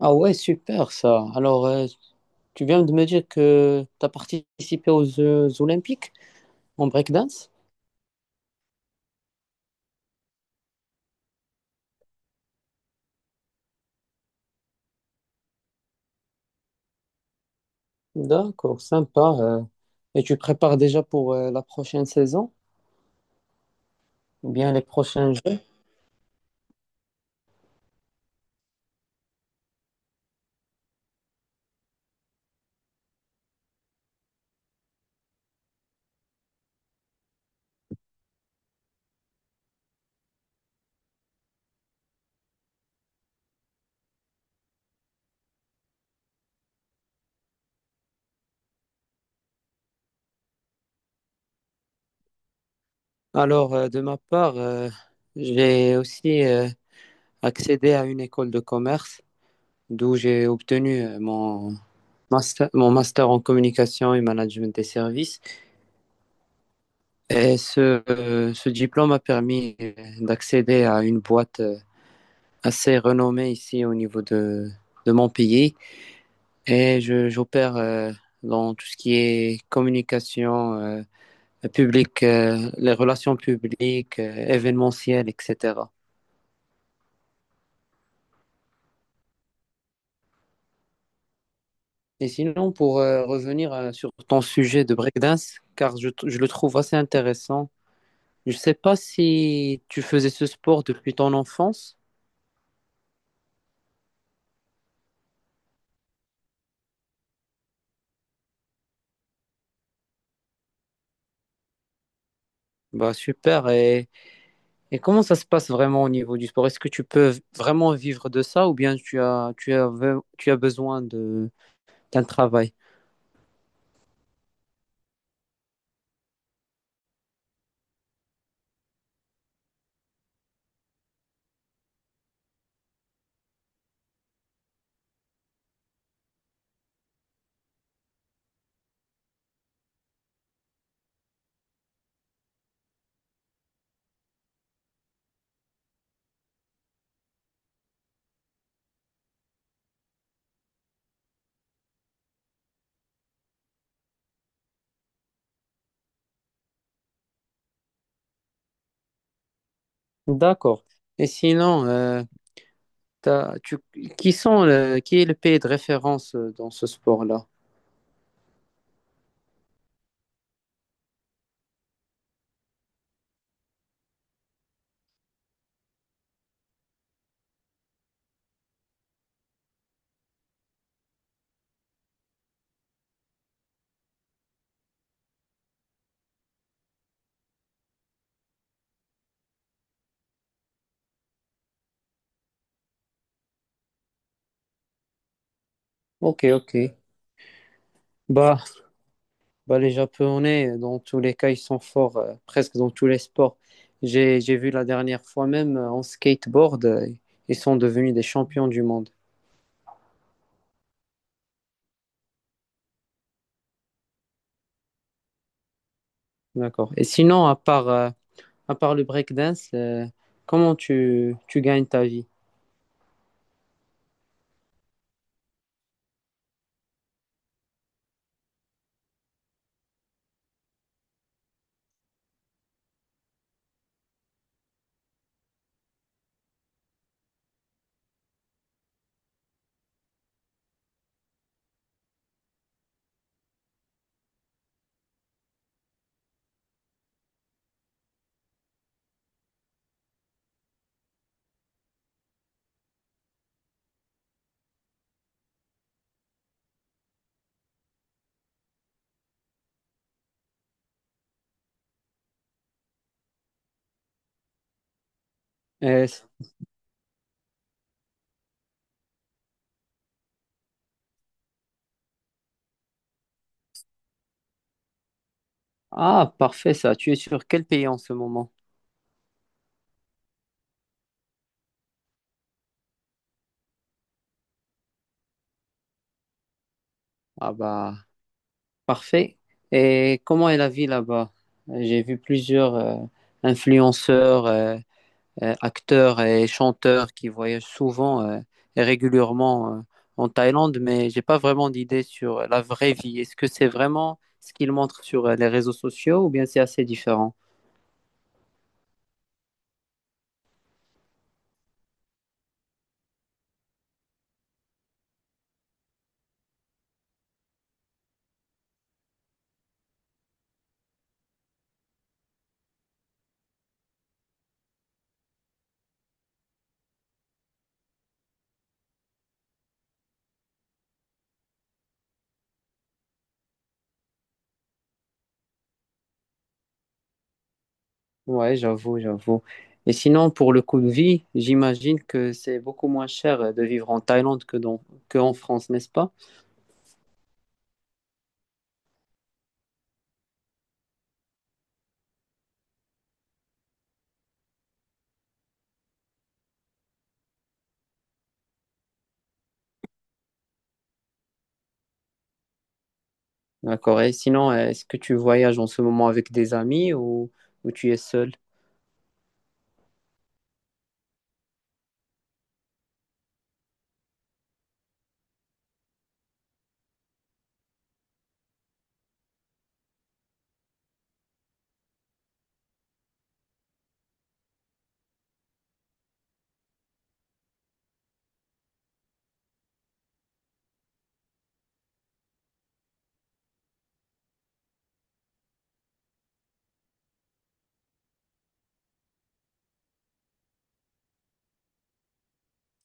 Ah ouais, super ça. Alors, tu viens de me dire que tu as participé aux Jeux Olympiques en breakdance? D'accord, sympa. Et tu prépares déjà pour la prochaine saison ou bien les prochains Jeux? Alors, de ma part, j'ai aussi accédé à une école de commerce d'où j'ai obtenu mon master en communication et management des services. Et ce, ce diplôme m'a permis d'accéder à une boîte assez renommé ici au niveau de mon pays et j'opère dans tout ce qui est communication publique, les relations publiques, événementielles, etc. Et sinon, pour revenir sur ton sujet de breakdance, car je le trouve assez intéressant, je ne sais pas si tu faisais ce sport depuis ton enfance. Bah super. Et comment ça se passe vraiment au niveau du sport? Est-ce que tu peux vraiment vivre de ça ou bien tu as besoin de, d'un travail? D'accord. Et sinon, tu, qui sont qui est le pays de référence dans ce sport-là? Ok, ok. Bah, bah, les Japonais, dans tous les cas, ils sont forts, presque dans tous les sports. J'ai vu la dernière fois même en skateboard, ils sont devenus des champions du monde. D'accord. Et sinon, à part, à part le breakdance, comment tu gagnes ta vie? Euh, ah, parfait ça. Tu es sur quel pays en ce moment? Ah bah, parfait. Et comment est la vie là-bas? J'ai vu plusieurs influenceurs, acteurs et chanteurs qui voyagent souvent et régulièrement en Thaïlande, mais j'ai pas vraiment d'idée sur la vraie vie. Est-ce que c'est vraiment ce qu'ils montrent sur les réseaux sociaux ou bien c'est assez différent? Ouais, j'avoue, j'avoue. Et sinon, pour le coût de vie, j'imagine que c'est beaucoup moins cher de vivre en Thaïlande que dans, que en France, n'est-ce pas? D'accord. Et sinon, est-ce que tu voyages en ce moment avec des amis ou tu es seul?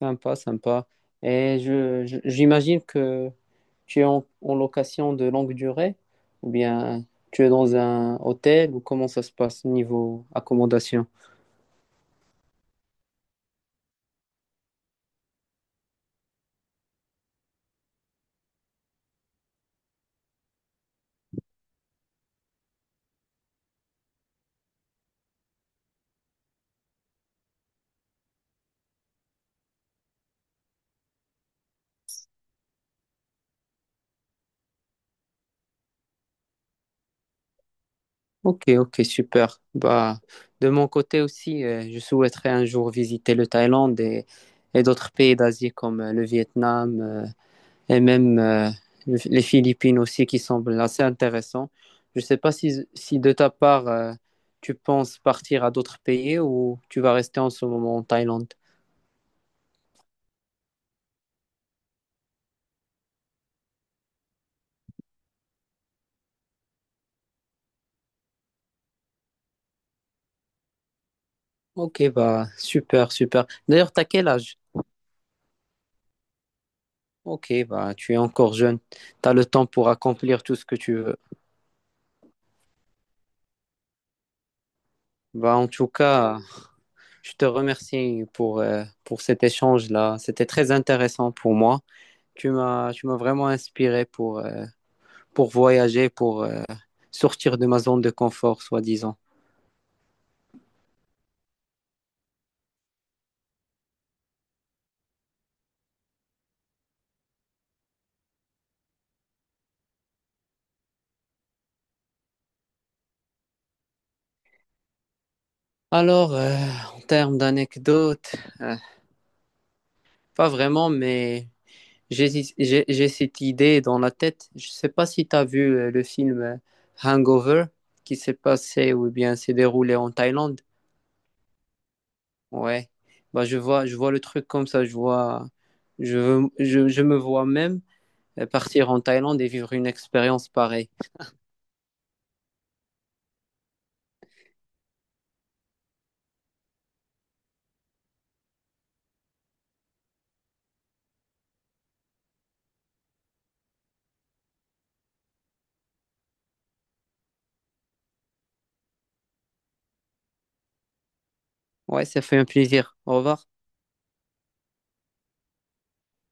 Sympa, sympa. Et j'imagine que tu es en, en location de longue durée ou bien tu es dans un hôtel ou comment ça se passe niveau accommodation? Ok, ok, super. Bah, de mon côté aussi, je souhaiterais un jour visiter le Thaïlande et d'autres pays d'Asie comme le Vietnam et même les Philippines aussi qui semblent assez intéressants. Je ne sais pas si, si de ta part, tu penses partir à d'autres pays ou tu vas rester en ce moment en Thaïlande. Ok, bah, super, super. D'ailleurs, t'as quel âge? Ok, bah, tu es encore jeune. T'as le temps pour accomplir tout ce que tu veux. Bah, en tout cas, je te remercie pour cet échange-là. C'était très intéressant pour moi. Tu m'as vraiment inspiré pour voyager, pour sortir de ma zone de confort, soi-disant. Alors, en termes d'anecdotes, pas vraiment, mais j'ai cette idée dans la tête. Je ne sais pas si tu as vu le film Hangover qui s'est passé ou bien s'est déroulé en Thaïlande. Ouais, bah je vois le truc comme ça, je vois, je me vois même partir en Thaïlande et vivre une expérience pareille. Ouais, ça fait un plaisir. Au revoir.